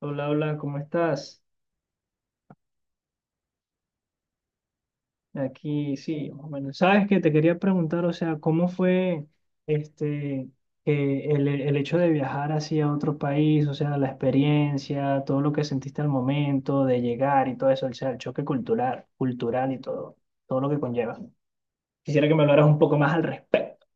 Hola, hola, ¿cómo estás? Aquí sí, más o menos. Sabes que te quería preguntar, o sea, ¿cómo fue este que el hecho de viajar hacia otro país, o sea, la experiencia, todo lo que sentiste al momento de llegar y todo eso, o sea, el choque cultural, cultural y todo, todo lo que conlleva? Quisiera que me hablaras un poco más al respecto.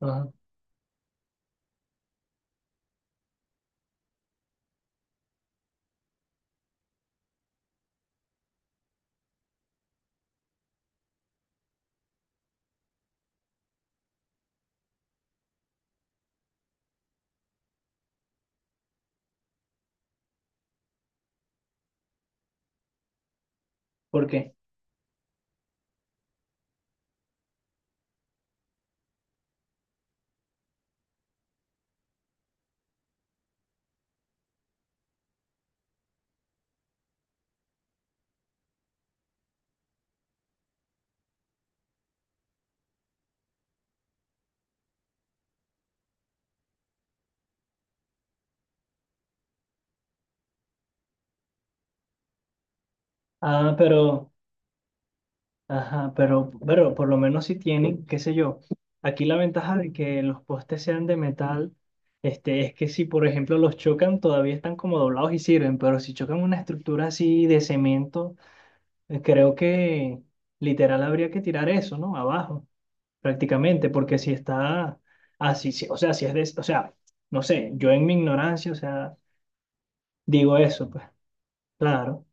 Ajá. ¿Por qué? Ah, pero ajá, pero por lo menos si tienen, qué sé yo, aquí la ventaja de que los postes sean de metal, es que si por ejemplo los chocan, todavía están como doblados y sirven, pero si chocan una estructura así de cemento, creo que literal habría que tirar eso, ¿no? Abajo, prácticamente, porque si está así, o sea, si es de, o sea, no sé, yo en mi ignorancia, o sea, digo eso, pues, claro.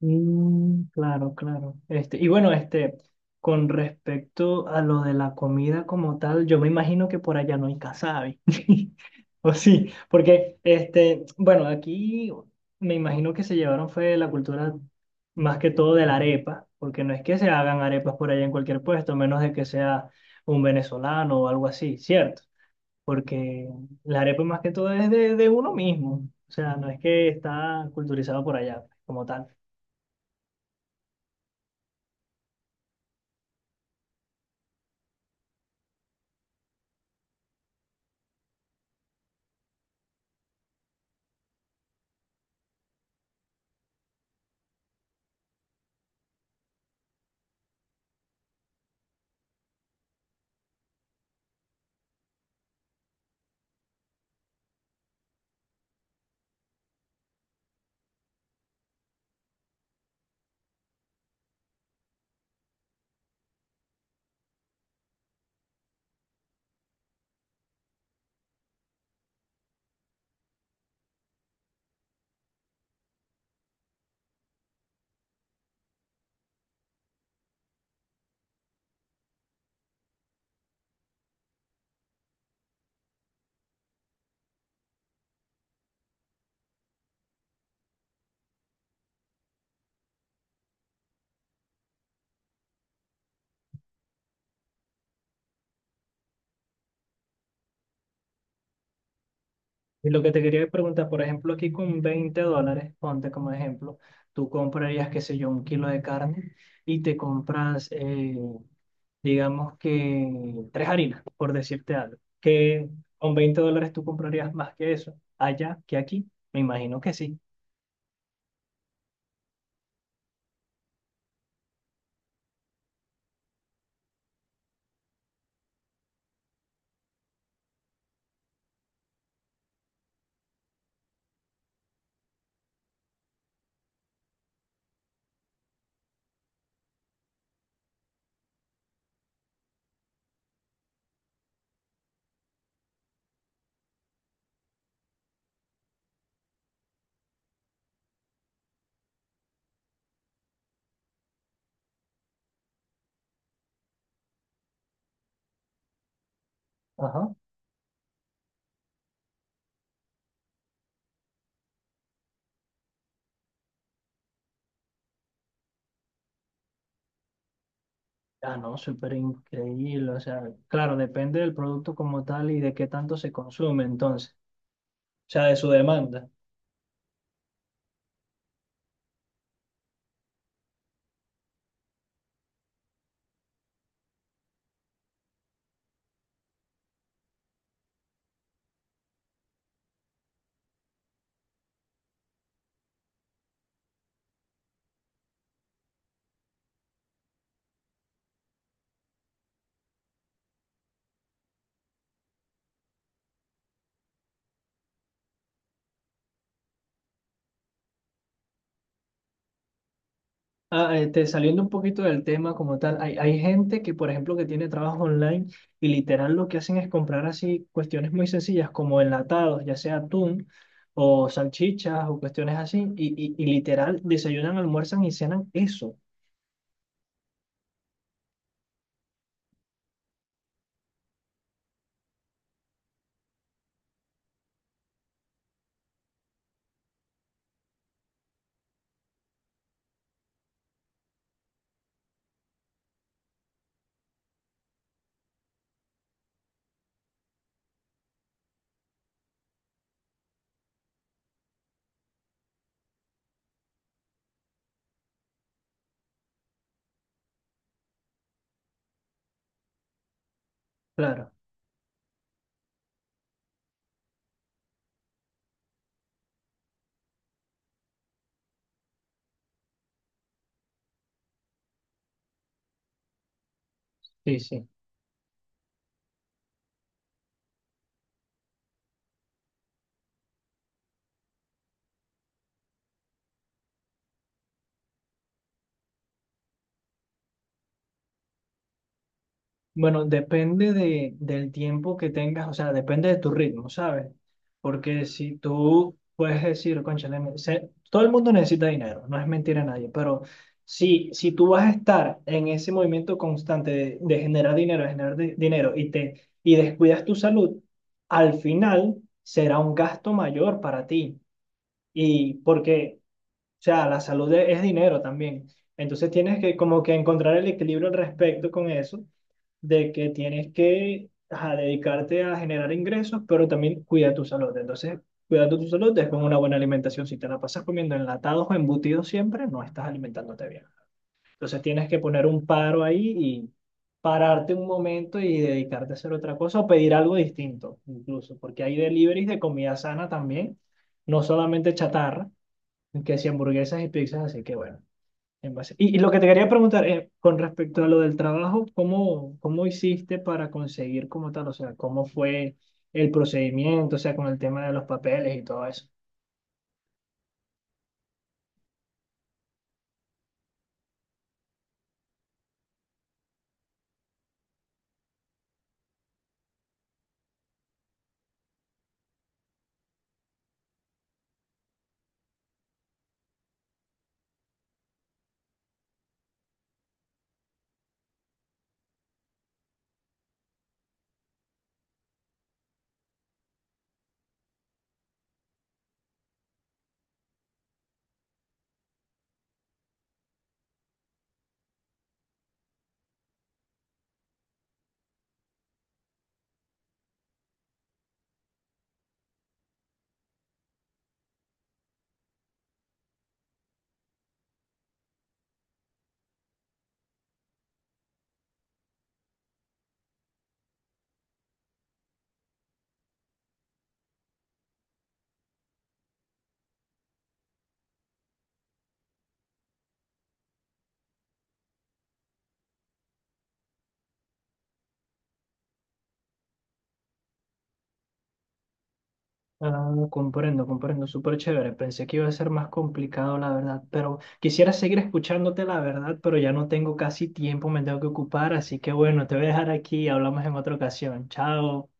Mm, claro, claro. Y bueno, con respecto a lo de la comida como tal, yo me imagino que por allá no hay casabe. O sí, porque este, bueno, aquí me imagino que se llevaron fue la cultura más que todo de la arepa, porque no es que se hagan arepas por allá en cualquier puesto, a menos de que sea un venezolano o algo así, ¿cierto? Porque la arepa más que todo es de uno mismo. O sea, no es que está culturizado por allá pues, como tal. Y lo que te quería preguntar, por ejemplo, aquí con $20, ponte como ejemplo, tú comprarías, qué sé yo, un kilo de carne y te compras, digamos que tres harinas, por decirte algo, que con $20 tú comprarías más que eso, allá que aquí, me imagino que sí. Ajá. Ah, no, súper increíble, o sea, claro, depende del producto como tal y de qué tanto se consume, entonces, o sea, de su demanda. Ah, este, saliendo un poquito del tema como tal, hay gente que, por ejemplo, que tiene trabajo online y literal lo que hacen es comprar así cuestiones muy sencillas como enlatados, ya sea atún o salchichas o cuestiones así, y literal desayunan, almuerzan y cenan eso. Claro, sí, sí. Bueno, depende del tiempo que tengas, o sea, depende de tu ritmo, ¿sabes? Porque si tú puedes decir, cónchale, todo el mundo necesita dinero, no es mentira a nadie, pero si tú vas a estar en ese movimiento constante de generar dinero, de generar dinero y descuidas tu salud, al final será un gasto mayor para ti. Y porque, o sea, la salud es dinero también. Entonces tienes que como que encontrar el equilibrio al respecto con eso de que tienes que ajá, dedicarte a generar ingresos, pero también cuida tu salud. Entonces, cuidando tu salud es con una buena alimentación. Si te la pasas comiendo enlatados o embutidos siempre, no estás alimentándote bien. Entonces, tienes que poner un paro ahí y pararte un momento y dedicarte a hacer otra cosa o pedir algo distinto, incluso, porque hay deliveries de comida sana también, no solamente chatarra, que si hamburguesas y pizzas, así que bueno. En base- Y, y lo que te quería preguntar con respecto a lo del trabajo, ¿cómo, cómo hiciste para conseguir como tal? O sea, ¿cómo fue el procedimiento? O sea, con el tema de los papeles y todo eso. Ah, comprendo, comprendo, súper chévere. Pensé que iba a ser más complicado, la verdad, pero quisiera seguir escuchándote, la verdad, pero ya no tengo casi tiempo, me tengo que ocupar, así que bueno, te voy a dejar aquí, hablamos en otra ocasión. Chao.